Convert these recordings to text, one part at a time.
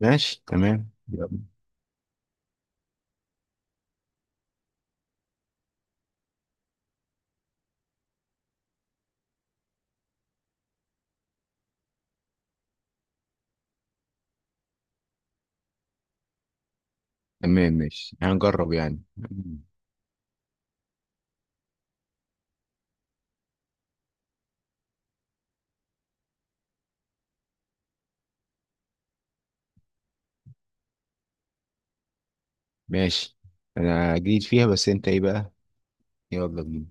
ماشي تمام يلا. تمام ماشي هنجرب يعني. ماشي، انا جديد فيها بس انت ايه بقى؟ يلا بينا.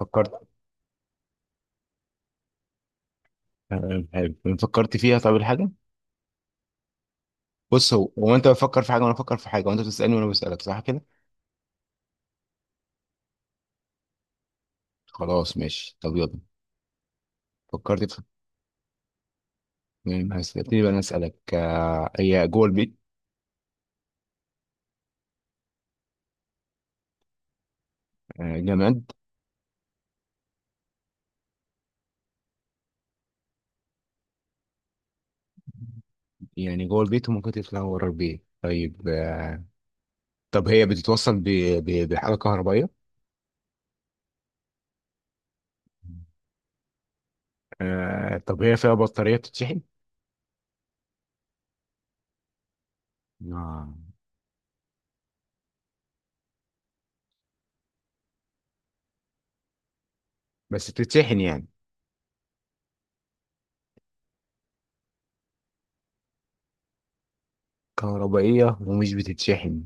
فكرت. تمام حلو. فكرت فيها، طب الحاجة. بص، هو هو انت بتفكر في حاجة وانا بفكر في حاجة، وانت بتسألني وانا بسألك، صح كده؟ خلاص ماشي، طب يلا. فكرت في. تمام، هسألتني بقى انا اسألك، هي جوه البيت؟ جماد. يعني جوه البيت وممكن تطلع ورا البيت. طيب طب هي بتتوصل بحاجة كهربائية؟ طب هي فيها بطارية بتتشحن؟ آه. بس بتتشحن يعني كهربائية ومش بتتشحن.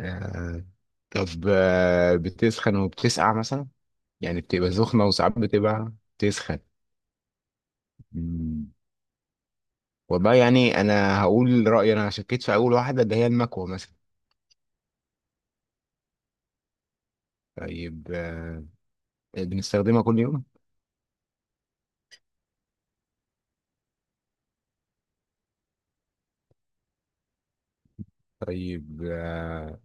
آه. طب بتسخن وبتسقع مثلا؟ يعني بتبقى سخنة، وساعات بتبقى تسخن. مم. والله يعني أنا هقول رأيي، أنا شكيت في أول واحدة اللي هي المكوة مثلا. طيب بنستخدمها كل يوم؟ طيب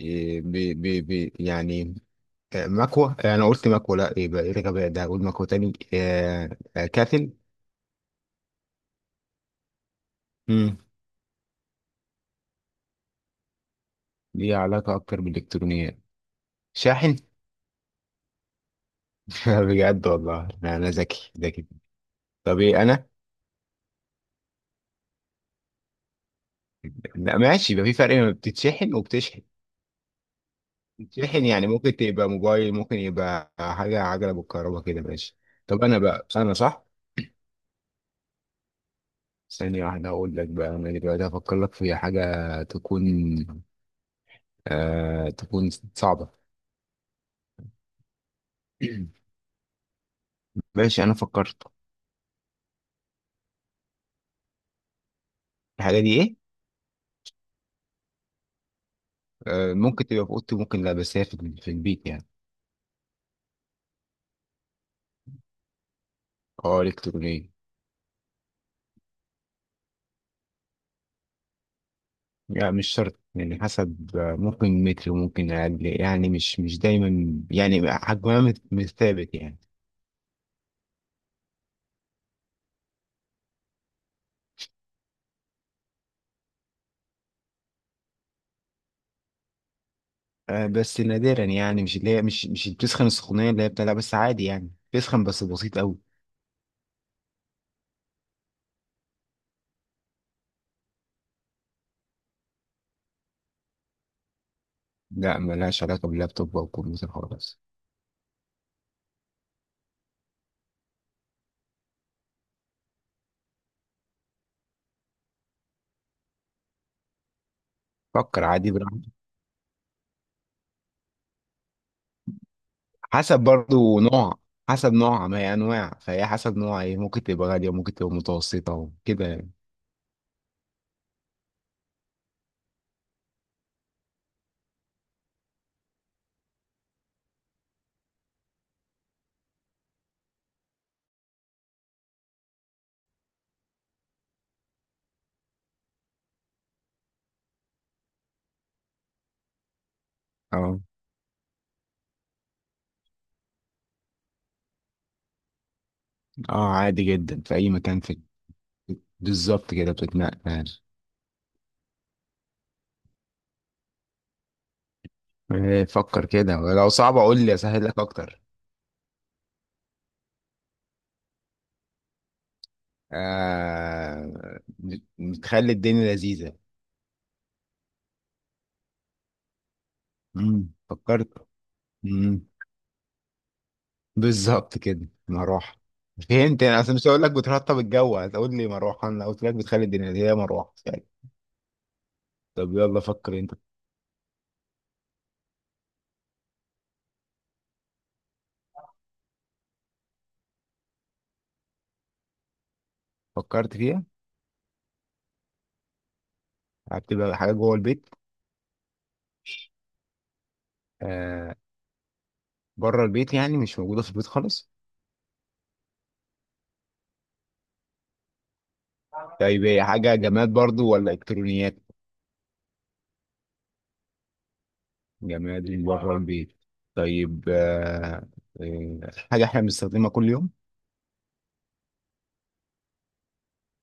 إيه، بي بي بي يعني مكوة. أنا قلت مكوة لأ، يبقى إيه الغباء ده، هقول مكوة تاني؟ كاتل. مم. ليه علاقة أكتر بالإلكترونيات. شاحن. بجد والله لا، انا ذكي ذكي. طب ايه انا؟ لا ماشي، يبقى في فرق ما بتتشحن وبتشحن. بتشحن يعني ممكن تبقى موبايل، ممكن يبقى حاجه عجله بالكهرباء كده. ماشي. طب انا بقى، انا صح. ثانيه واحده اقول لك بقى، انا دلوقتي هفكر لك في حاجه تكون صعبه. ماشي انا فكرت. الحاجه دي ايه؟ آه، ممكن تبقى في اوضتي، ممكن لا، بس هي في البيت يعني. اه، الكترونيه. لا، مش شرط يعني، حسب، ممكن متر وممكن أقل، يعني مش دايما، يعني حجمها مش ثابت يعني. بس نادرا يعني، مش اللي هي مش بتسخن السخونية اللي هي بتاع، لا، بس عادي يعني بتسخن بس بسيط أوي. لا، ملهاش علاقة باللابتوب أو الكمبيوتر خالص. فكر عادي براحتك. حسب برضو نوع، حسب نوعها، ما هي أنواع، فهي حسب نوعها، إيه، ممكن تبقى غالية وممكن تبقى متوسطة وكده يعني. اه اه، عادي جدا في أي مكان. في بالظبط كده بتتنقل. إيه، فكر كده، لو صعب اقول لي اسهل لك اكتر. آه... نخلي الدنيا لذيذة. مم. فكرت. مم. بالظبط كده، مروحة. فهمت، انا اصلا مش هقول لك بترطب الجو هتقول لي مروحة، انا قلت لك بتخلي الدنيا لذيذة، هي مروحة فعلا. طب يلا فكر انت. فكرت فيها. هتبقى حاجة جوه البيت؟ آه... بره البيت يعني، مش موجودة في البيت خالص؟ طيب هي حاجة جماد برضو ولا الكترونيات؟ جماد من بره البيت. طيب آه، حاجة احنا بنستخدمها كل يوم؟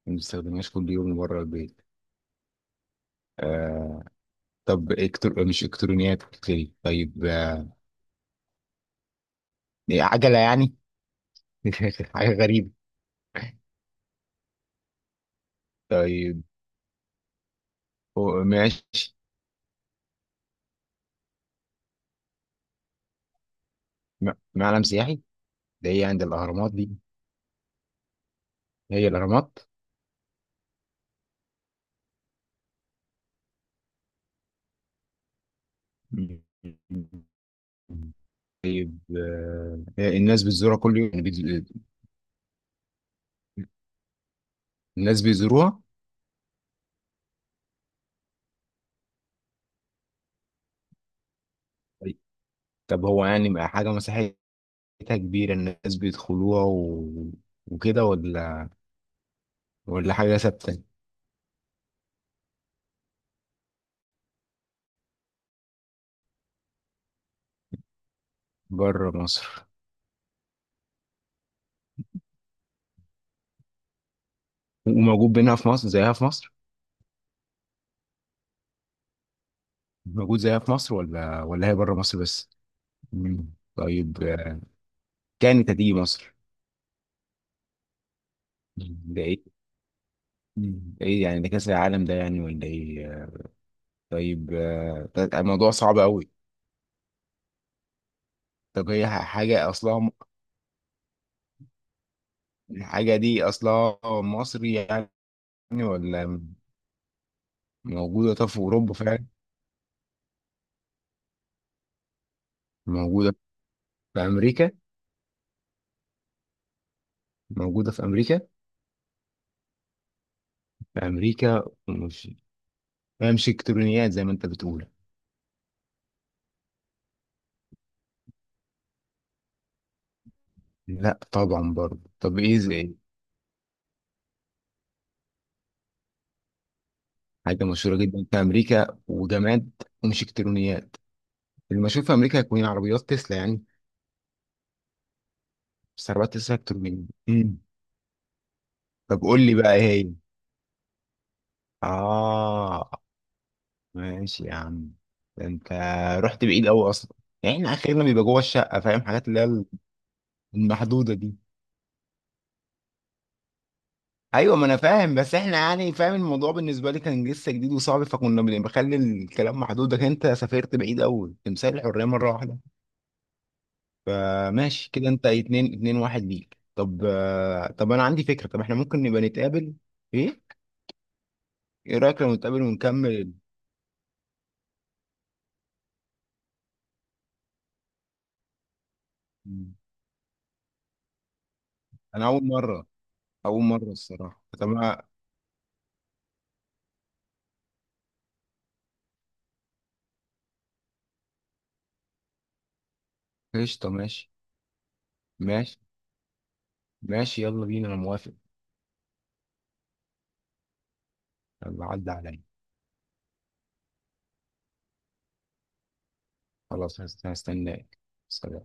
ما بنستخدمهاش كل يوم من بره البيت. آه. طب إكتر... مش إلكترونيات بتتكلم. طيب إيه، عجلة يعني؟ حاجة غريبة. طيب ماشي. معلم سياحي؟ ده هي عند الأهرامات دي؟ هي الأهرامات؟ م- طيب الناس بتزورها كل يوم يعني الناس بيزوروها؟ طيب، طب هو يعني حاجة مسيحية؟ حتة كبيرة الناس بيدخلوها و... وكده، ولا ولا حاجة ثابتة؟ بره مصر، وموجود بينها في مصر زيها في مصر؟ موجود زيها في مصر ولا هي بره مصر بس؟ مم. طيب كانت هتيجي مصر؟ مم. ده ايه؟ مم. ده ايه يعني، ده كأس العالم ده يعني ولا ايه؟ طيب ده الموضوع صعب قوي. طب هي حاجة أصلها الحاجة دي أصلها مصري يعني، ولا؟ موجودة طب في أوروبا فعلا؟ موجودة في أمريكا. موجودة في أمريكا؟ في امريكا مش، هي مش الكترونيات زي ما انت بتقول؟ لا طبعا برضه، طب ايه زي إيه؟ حاجه مشهوره جدا في امريكا وجماد، ومش الكترونيات، اللي ما اشوف في امريكا هيكون عربيات تسلا يعني. بس عربيات تسلا الكترونيه. امم. طب قول لي بقى ايه هي؟ اه، ماشي يا عم. ده انت رحت بعيد قوي اصلا. يعني احنا اخرنا بيبقى جوه الشقه، فاهم، حاجات اللي هي المحدوده دي. ايوه، ما انا فاهم، بس احنا يعني، فاهم الموضوع، بالنسبه لي كان لسه جديد وصعب، فكنا بخلي الكلام محدود، لكن انت سافرت بعيد قوي، تمثال الحريه مره واحده. فماشي كده، انت اتنين، اتنين واحد ليك. طب طب انا عندي فكره، طب احنا ممكن نبقى نتقابل؟ ايه، ايه رايك لو نتقابل ونكمل؟ انا اول مره. اول مره الصراحه، طب ما. قشطه ماشي. ماشي. ماشي، يلا بينا، انا موافق. يلا عدى عليا. خلاص هستناك. سلام.